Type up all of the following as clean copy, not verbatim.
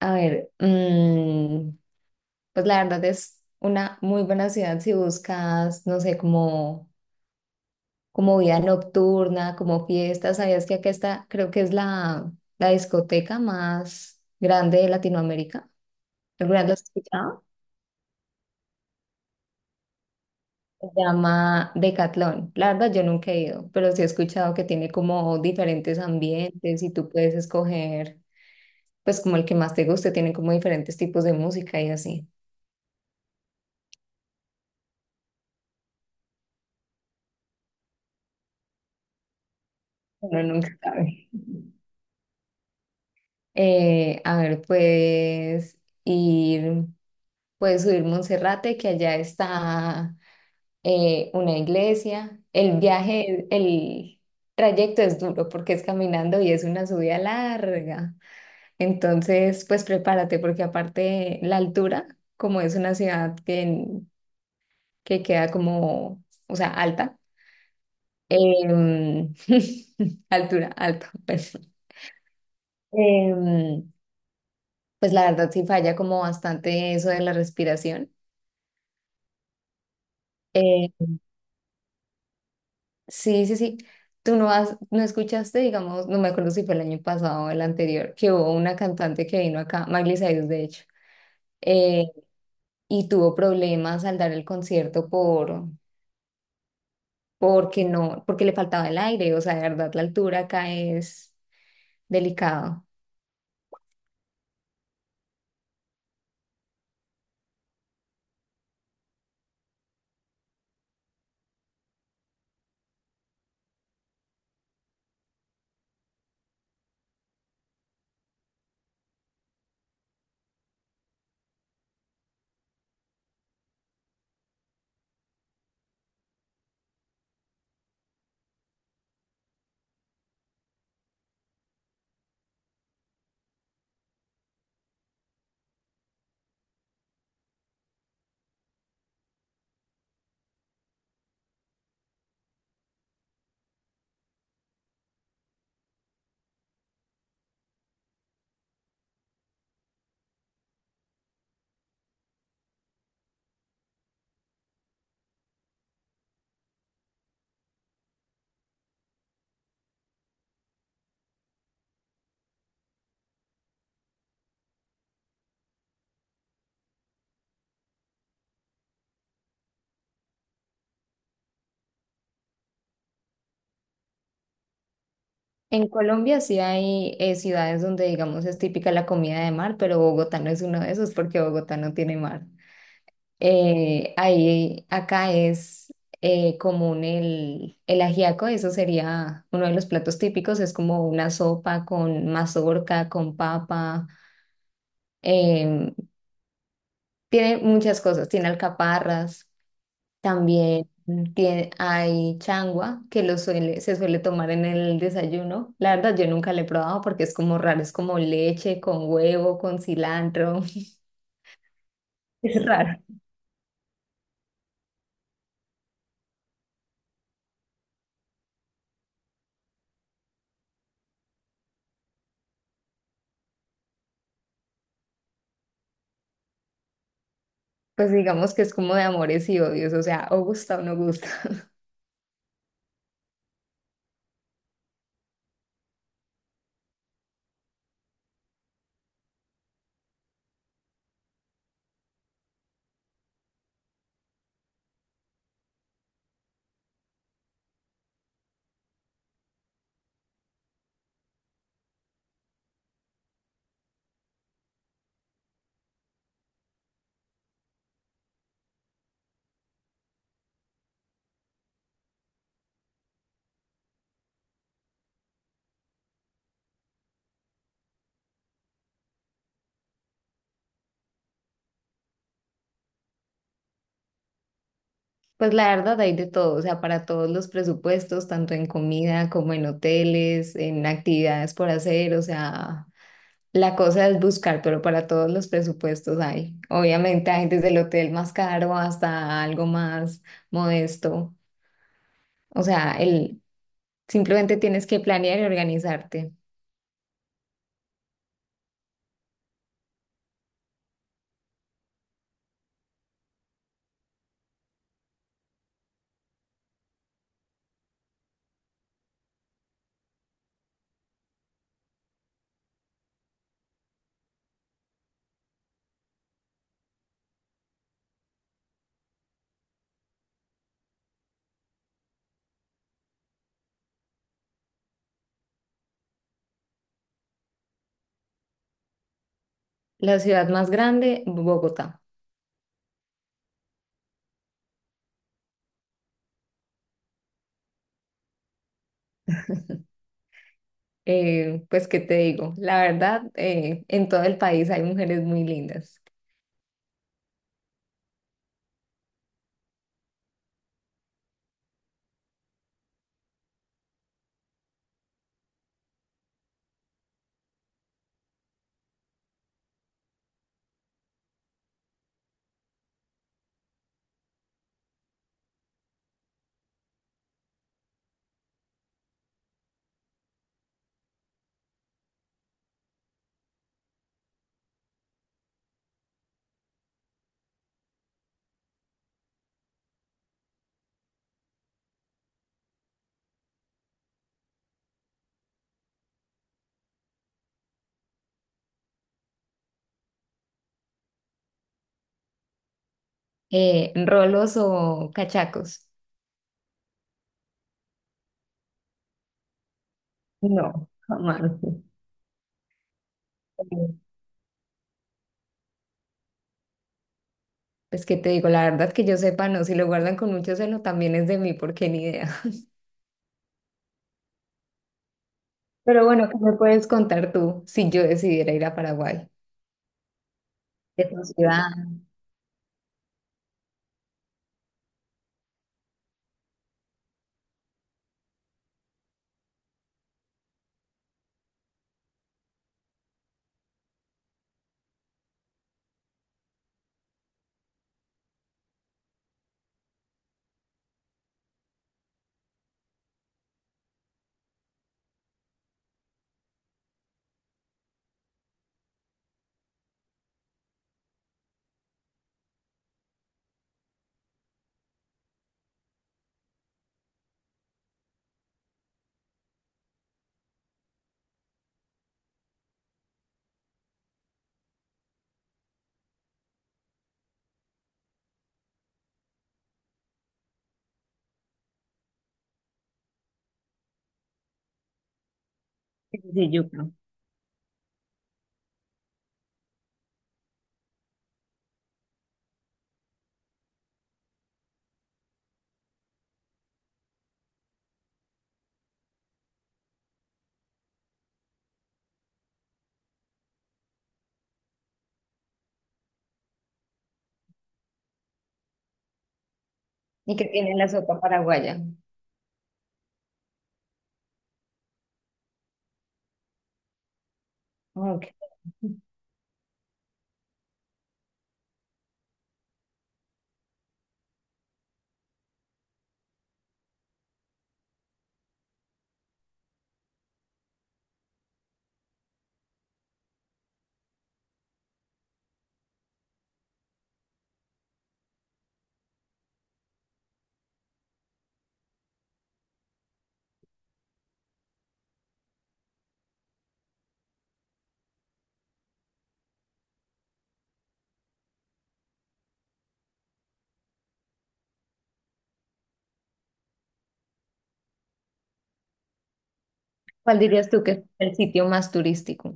A ver, pues la verdad es una muy buena ciudad si buscas, no sé, como, como vida nocturna, como fiestas. ¿Sabías que acá está, creo que es la discoteca más grande de Latinoamérica? ¿Alguna vez lo has escuchado? Se llama Decathlon. La verdad yo nunca he ido, pero sí he escuchado que tiene como diferentes ambientes y tú puedes escoger, pues como el que más te guste, tiene como diferentes tipos de música y así. Uno nunca sabe. A ver, puedes ir, puedes subir Monserrate, que allá está una iglesia. El trayecto es duro porque es caminando y es una subida larga. Entonces, pues prepárate porque aparte la altura, como es una ciudad que queda como, o sea, alta, em, altura, alta pues, em, pues la verdad sí falla como bastante eso de la respiración. Eh, sí, sí, sí. Tú no has, no escuchaste, digamos, no me acuerdo si fue el año pasado o el anterior, que hubo una cantante que vino acá, Miley Cyrus, de hecho, eh, y tuvo problemas al dar el concierto porque no, porque le faltaba el aire, o sea, de verdad, la altura acá es delicado. En Colombia sí hay ciudades donde, digamos, es típica la comida de mar, pero Bogotá no es uno de esos porque Bogotá no tiene mar. Ahí, acá es común el ajiaco, eso sería uno de los platos típicos, es como una sopa con mazorca, con papa, em, tiene muchas cosas, tiene alcaparras, también tiene, hay changua que lo suele, se suele tomar en el desayuno. La verdad, yo nunca la he probado porque es como raro, es como leche con huevo, con cilantro, es raro. Pues digamos que es como de amores y odios, o sea, o gusta o no gusta. Pues la verdad hay de todo, o sea, para todos los presupuestos, tanto en comida como en hoteles, en actividades por hacer, o sea, la cosa es buscar, pero para todos los presupuestos hay. Obviamente hay desde el hotel más caro hasta algo más modesto, o sea, simplemente tienes que planear y organizarte. La ciudad más grande, Bogotá. Pues, ¿qué te digo? La verdad, en todo el país hay mujeres muy lindas. Rolos o cachacos. No, jamás. Pues que te digo, la verdad que yo sepa, no, si lo guardan con mucho celo también es de mí, porque ni idea. Pero bueno, ¿qué me puedes contar tú si yo decidiera ir a Paraguay? De tu ciudad, de Yucatán. ¿Y qué tiene la sopa paraguaya? Ok. ¿Cuál dirías tú que es el sitio más turístico?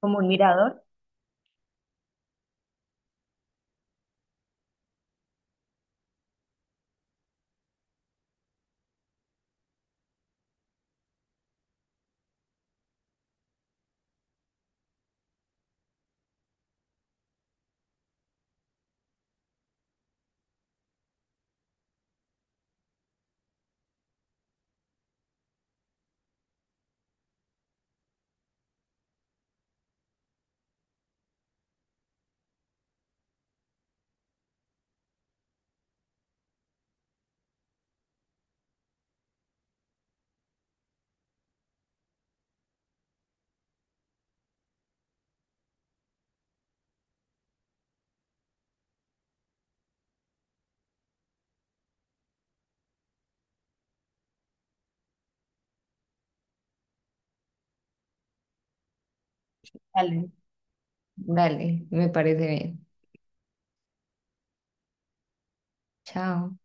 Como un mirador. Dale. Dale, me parece bien. Chao.